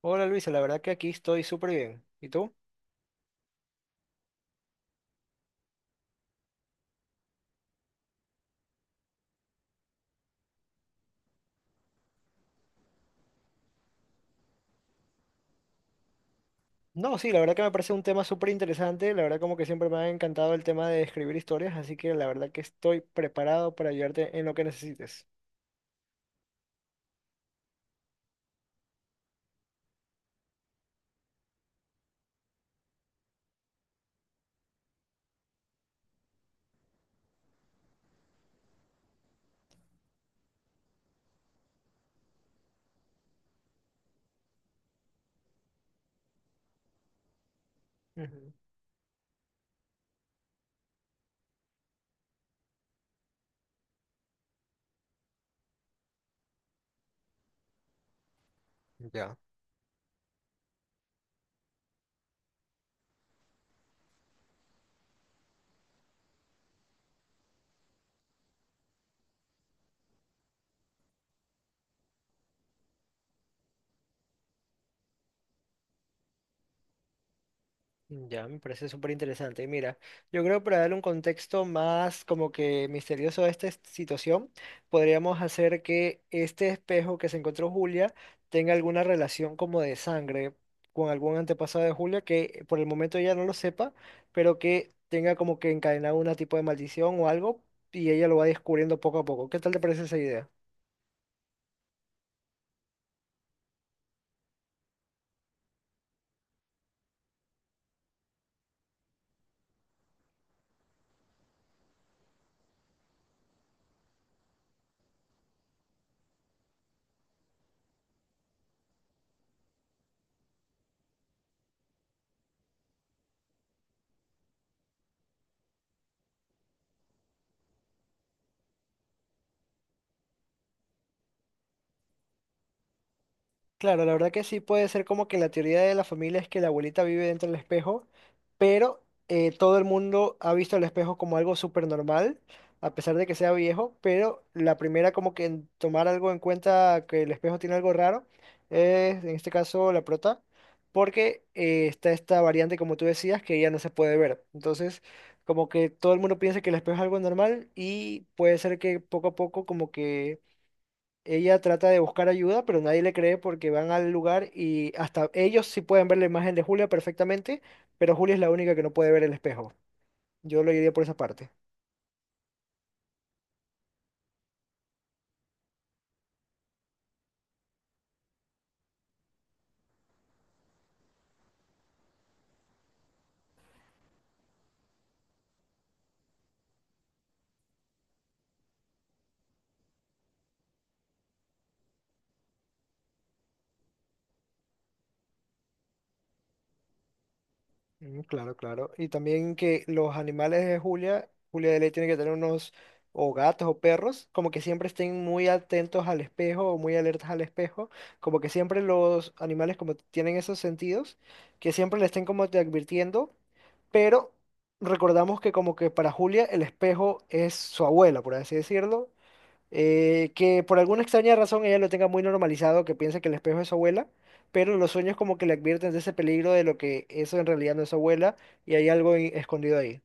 Hola Luisa, la verdad que aquí estoy súper bien. ¿Y tú? No, sí, la verdad que me parece un tema súper interesante. La verdad como que siempre me ha encantado el tema de escribir historias, así que la verdad que estoy preparado para ayudarte en lo que necesites. Ujú. Ya. Ya, me parece súper interesante. Y mira, yo creo para darle un contexto más como que misterioso a situación, podríamos hacer que este espejo que se encontró Julia tenga alguna relación como de sangre con algún antepasado de Julia que por el momento ella no lo sepa, pero que tenga como que encadenado un tipo de maldición o algo y ella lo va descubriendo poco a poco. ¿Qué tal te parece esa idea? Claro, la verdad que sí puede ser como que la teoría de la familia es que la abuelita vive dentro del espejo, pero todo el mundo ha visto el espejo como algo súper normal, a pesar de que sea viejo, pero la primera como que en tomar algo en cuenta que el espejo tiene algo raro es en este caso la prota, porque está esta variante como tú decías que ya no se puede ver. Entonces, como que todo el mundo piensa que el espejo es algo normal y puede ser que poco a poco como que ella trata de buscar ayuda, pero nadie le cree porque van al lugar y hasta ellos sí pueden ver la imagen de Julia perfectamente, pero Julia es la única que no puede ver el espejo. Yo lo diría por esa parte. Mm, claro, claro. Y también que los animales de Julia, Julia de Ley tiene que tener unos o gatos o perros, como que siempre estén muy atentos al espejo o muy alertas al espejo, como que siempre los animales como tienen esos sentidos, que siempre le estén como te advirtiendo, pero recordamos que como que para Julia el espejo es su abuela, por así decirlo, que por alguna extraña razón ella lo tenga muy normalizado, que piensa que el espejo es su abuela, pero los sueños como que le advierten de ese peligro de lo que eso en realidad no es su abuela y hay algo escondido ahí.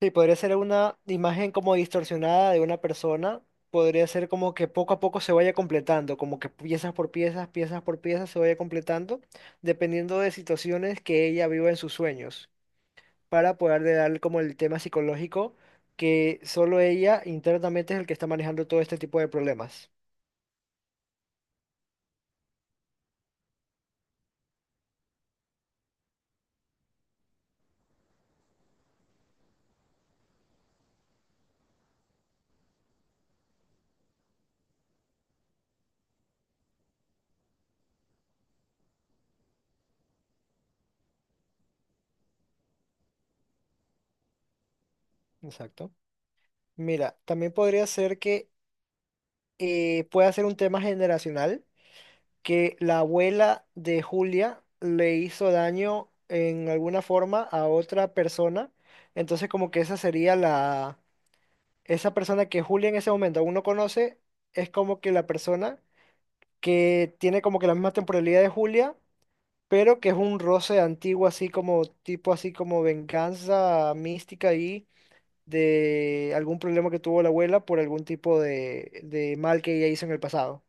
Sí, podría ser una imagen como distorsionada de una persona, podría ser como que poco a poco se vaya completando, como que piezas por piezas se vaya completando, dependiendo de situaciones que ella viva en sus sueños, para poder de dar como el tema psicológico que solo ella internamente es el que está manejando todo este tipo de problemas. Exacto. Mira, también podría ser que pueda ser un tema generacional, que la abuela de Julia le hizo daño en alguna forma a otra persona, entonces como que esa sería la, esa persona que Julia en ese momento aún no conoce, es como que la persona que tiene como que la misma temporalidad de Julia pero que es un roce antiguo, así como tipo, así como venganza mística ahí de algún problema que tuvo la abuela por algún tipo de mal que ella hizo en el pasado.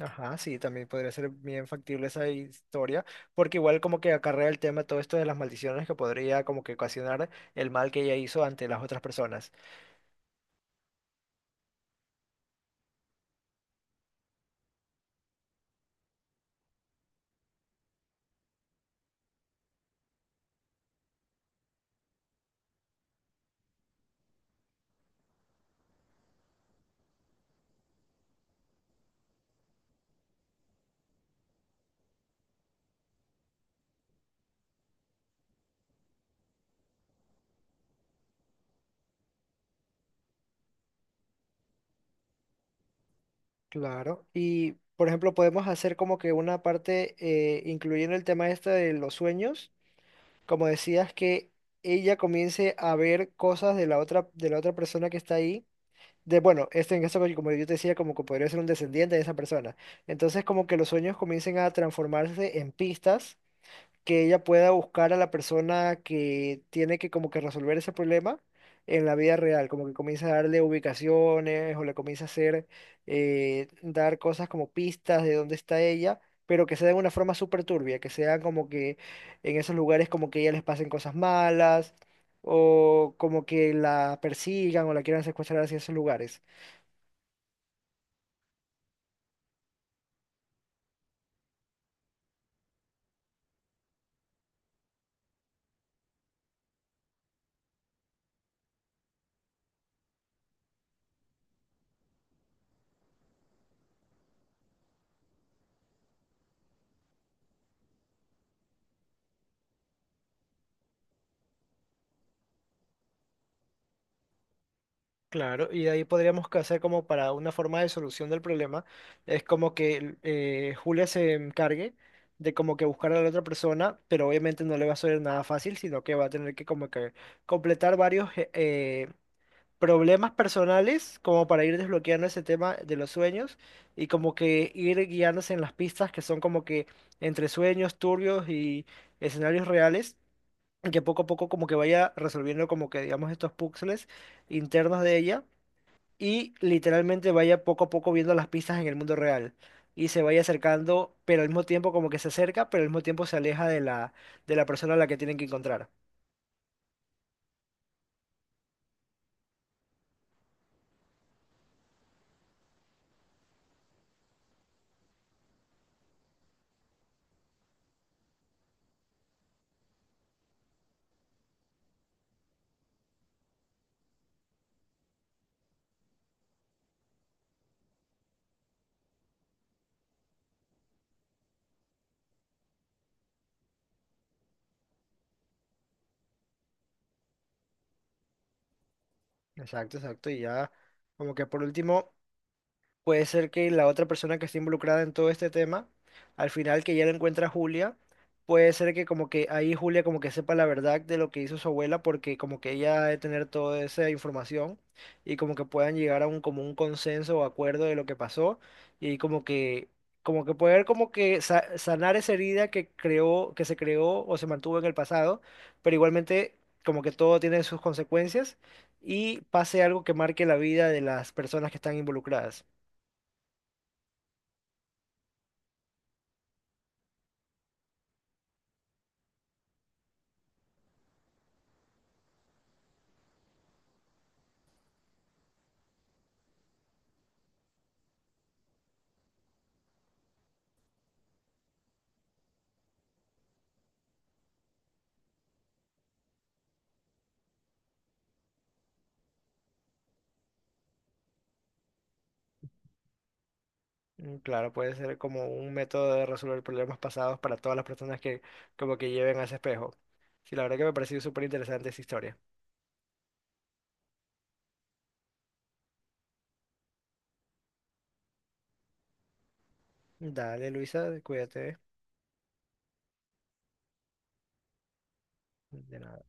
Ajá, sí, también podría ser bien factible esa historia, porque igual como que acarrea el tema todo esto de las maldiciones que podría como que ocasionar el mal que ella hizo ante las otras personas. Claro, y por ejemplo podemos hacer como que una parte incluyendo el tema este de los sueños como decías, que ella comience a ver cosas de la otra persona que está ahí. De, bueno, este en caso, como yo te decía, como que podría ser un descendiente de esa persona. Entonces, como que los sueños comiencen a transformarse en pistas que ella pueda buscar a la persona que tiene que como que resolver ese problema en la vida real, como que comienza a darle ubicaciones o le comienza a hacer, dar cosas como pistas de dónde está ella, pero que sea de una forma súper turbia, que sea como que en esos lugares como que a ella les pasen cosas malas o como que la persigan o la quieran secuestrar hacia esos lugares. Claro, y de ahí podríamos que hacer como para una forma de solución del problema, es como que Julia se encargue de como que buscar a la otra persona, pero obviamente no le va a ser nada fácil, sino que va a tener que como que completar varios problemas personales como para ir desbloqueando ese tema de los sueños y como que ir guiándose en las pistas que son como que entre sueños turbios y escenarios reales, y que poco a poco como que vaya resolviendo como que digamos estos puzzles internos de ella y literalmente vaya poco a poco viendo las pistas en el mundo real y se vaya acercando, pero al mismo tiempo como que se acerca, pero al mismo tiempo se aleja de la persona a la que tienen que encontrar. Exacto, exacto. Y ya, como que por último, puede ser que la otra persona que esté involucrada en todo este tema, al final que ya lo encuentra Julia, puede ser que como que ahí Julia como que sepa la verdad de lo que hizo su abuela, porque como que ella ha de tener toda esa información y como que puedan llegar a un como un consenso o acuerdo de lo que pasó y como que poder como que sanar esa herida que creó, que se creó o se mantuvo en el pasado, pero igualmente como que todo tiene sus consecuencias y pase algo que marque la vida de las personas que están involucradas. Mm, claro, puede ser como un método de resolver problemas pasados para todas las personas que como que lleven a ese espejo. Sí, la verdad que me ha parecido súper interesante esa historia. Dale, Luisa, cuídate. De nada.